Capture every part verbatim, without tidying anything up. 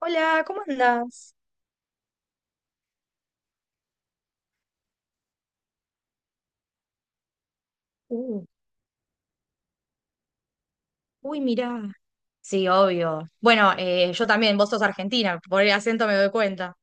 Hola, ¿cómo andás? Uh, Uy, mirá. Sí, obvio. Bueno, eh, yo también, vos sos argentina, por el acento me doy cuenta.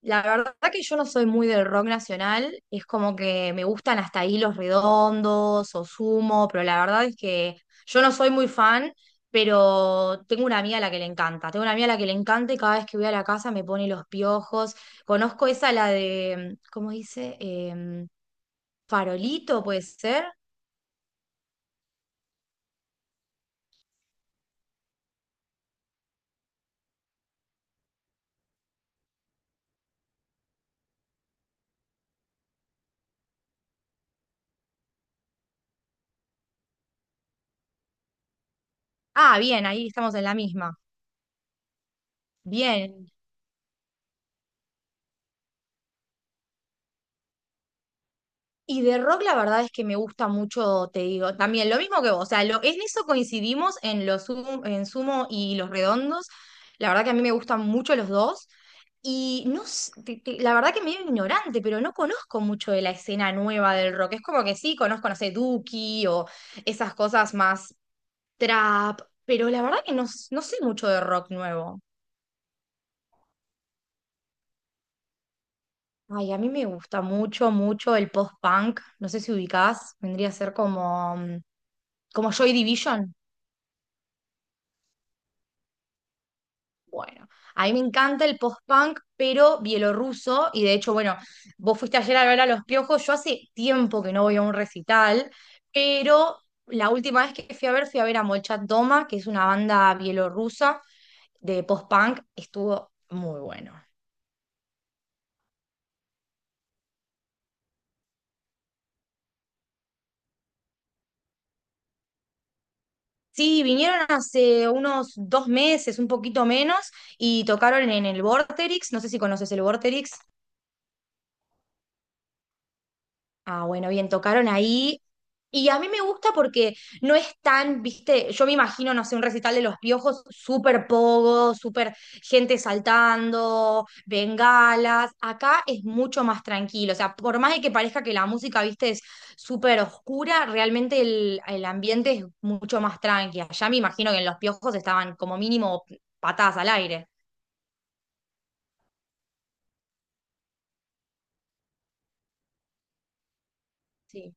La verdad que yo no soy muy del rock nacional, es como que me gustan hasta ahí Los Redondos o Sumo, pero la verdad es que yo no soy muy fan, pero tengo una amiga a la que le encanta. Tengo una amiga a la que le encanta y cada vez que voy a la casa me pone los piojos. Conozco esa, la de, ¿cómo dice? Em, Farolito, puede ser. Ah, bien, ahí estamos en la misma. Bien. Y de rock la verdad es que me gusta mucho, te digo, también lo mismo que vos, o sea, lo, en eso coincidimos en los Sumo- en Sumo y Los Redondos, la verdad que a mí me gustan mucho los dos, y no, s- te- te- la verdad que medio ignorante, pero no conozco mucho de la escena nueva del rock, es como que sí, conozco, no sé, Duki o esas cosas más trap, pero la verdad que no, s- no sé mucho de rock nuevo. Ay, a mí me gusta mucho, mucho el post-punk. No sé si ubicás, vendría a ser como, mm, como Joy Division. Bueno, a mí me encanta el post-punk, pero bielorruso. Y de hecho, bueno, vos fuiste ayer a ver a Los Piojos. Yo hace tiempo que no voy a un recital, pero la última vez que fui a ver, fui a ver a Molchat Doma, que es una banda bielorrusa de post-punk. Estuvo muy bueno. Sí, vinieron hace unos dos meses, un poquito menos, y tocaron en el Vorterix, no sé si conoces el Vorterix. Ah, bueno, bien, tocaron ahí. Y a mí me gusta porque no es tan, viste, yo me imagino, no sé, un recital de Los Piojos, súper pogo, súper gente saltando, bengalas. Acá es mucho más tranquilo. O sea, por más de que parezca que la música, viste, es súper oscura, realmente el, el ambiente es mucho más tranqui. Allá me imagino que en Los Piojos estaban como mínimo patadas al aire. Sí.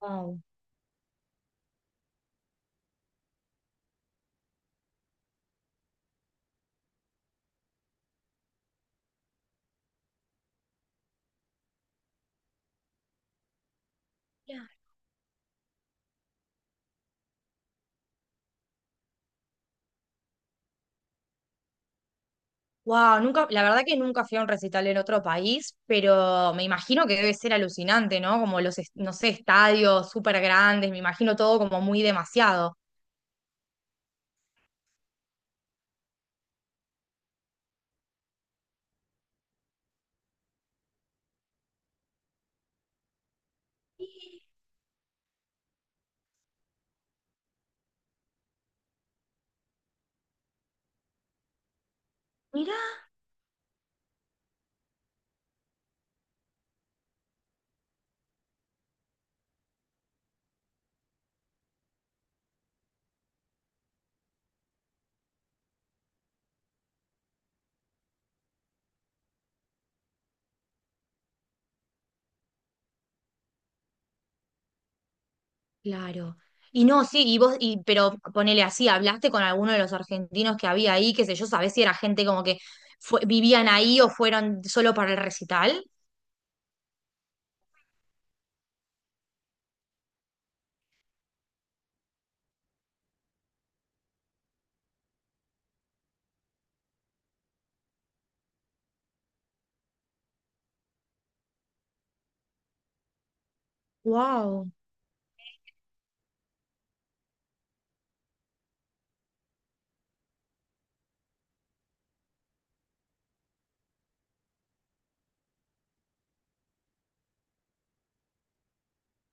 Wow. Wow, nunca, la verdad que nunca fui a un recital en otro país, pero me imagino que debe ser alucinante, ¿no? Como los, es- no sé, estadios súper grandes, me imagino todo como muy demasiado. Mirá, claro. Y no, sí, y vos, y, pero ponele así, ¿hablaste con alguno de los argentinos que había ahí? Qué sé yo, ¿sabés si era gente como que fue- vivían ahí o fueron solo para el recital? Wow,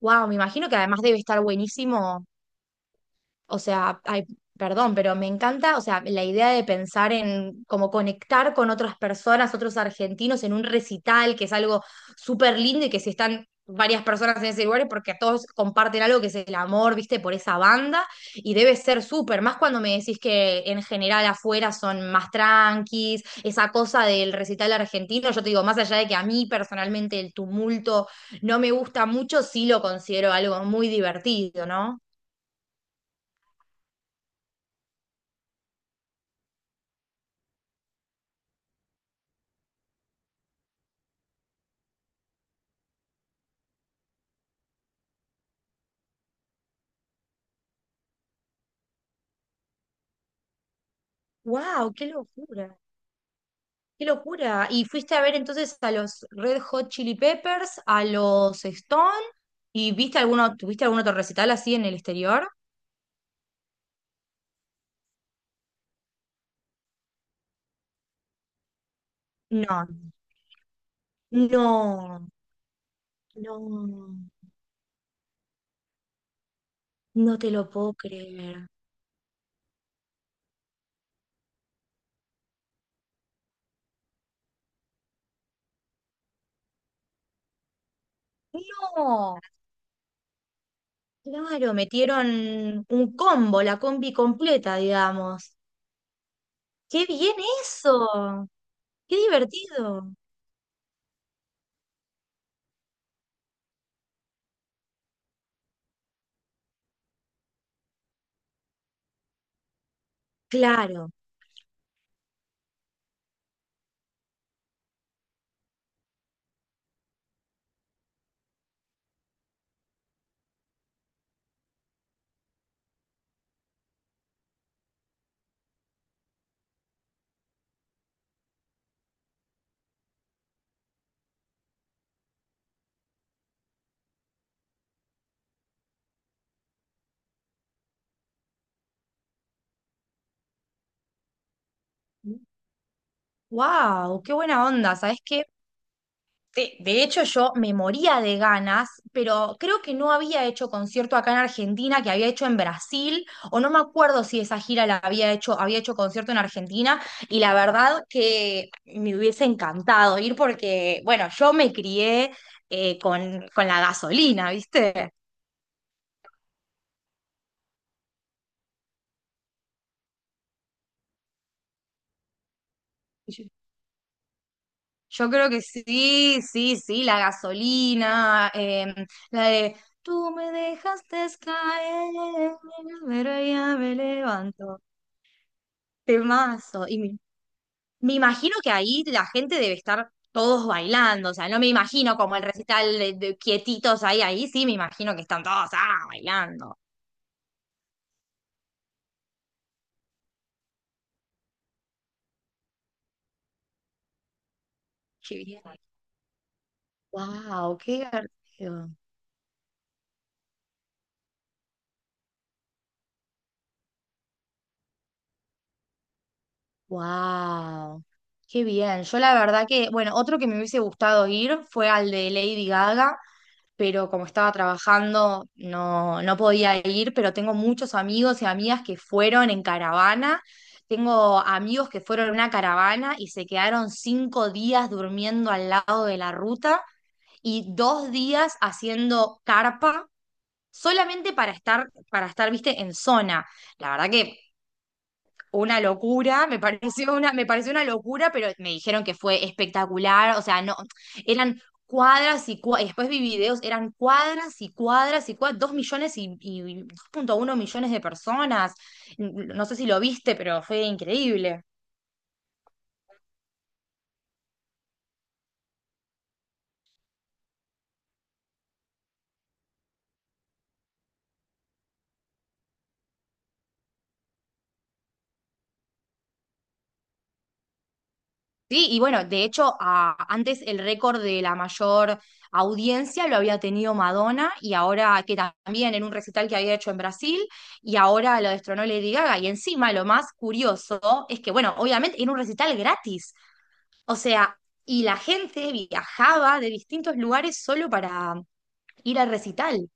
wow, me imagino que además debe estar buenísimo. O sea, ay, perdón, pero me encanta, o sea, la idea de pensar en cómo conectar con otras personas, otros argentinos en un recital, que es algo súper lindo y que si están varias personas en ese lugar es porque todos comparten algo que es el amor, viste, por esa banda, y debe ser súper, más cuando me decís que en general afuera son más tranquis, esa cosa del recital argentino, yo te digo, más allá de que a mí personalmente el tumulto no me gusta mucho, sí lo considero algo muy divertido, ¿no? Wow, qué locura, qué locura. ¿Y fuiste a ver entonces a los Red Hot Chili Peppers, a los Stone y viste alguno, tuviste algún otro recital así en el exterior? No, no, no, no te lo puedo creer. No, claro, metieron un combo, la combi completa, digamos. ¡Qué bien eso! ¡Qué divertido! Claro. Wow, qué buena onda. ¿Sabes qué? De, de hecho, yo me moría de ganas, pero creo que no había hecho concierto acá en Argentina, que había hecho en Brasil, o no me acuerdo si esa gira la había hecho, había hecho concierto en Argentina, y la verdad que me hubiese encantado ir porque, bueno, yo me crié eh, con, con la gasolina, ¿viste? Yo yo creo que sí, sí, sí, la gasolina, em, la de... Tú me dejaste caer, pero ya me levanto. Temazo. Y me, me imagino que ahí la gente debe estar todos bailando, o sea, no me imagino como el recital de, de quietitos ahí, ahí sí me imagino que están todos ah, bailando. Qué bien. Wow, qué divertido. Wow, qué bien. Yo la verdad que, bueno, otro que me hubiese gustado ir fue al de Lady Gaga, pero como estaba trabajando no, no podía ir, pero tengo muchos amigos y amigas que fueron en caravana. Tengo amigos que fueron en una caravana y se quedaron cinco días durmiendo al lado de la ruta y dos días haciendo carpa solamente para estar, para estar, viste, en zona. La verdad que una locura, me pareció una, me pareció una locura, pero me dijeron que fue espectacular, o sea, no, eran cuadras y, cua- y después vi videos, eran cuadras y cuadras y cuadras, dos millones y, y dos punto uno millones de personas, no sé si lo viste, pero fue increíble. Sí, y bueno, de hecho, a- antes el récord de la mayor audiencia lo había tenido Madonna y ahora que también en un recital que había hecho en Brasil y ahora lo destronó Lady Gaga. Y encima lo más curioso es que, bueno, obviamente era un recital gratis. O sea, y la gente viajaba de distintos lugares solo para ir al recital.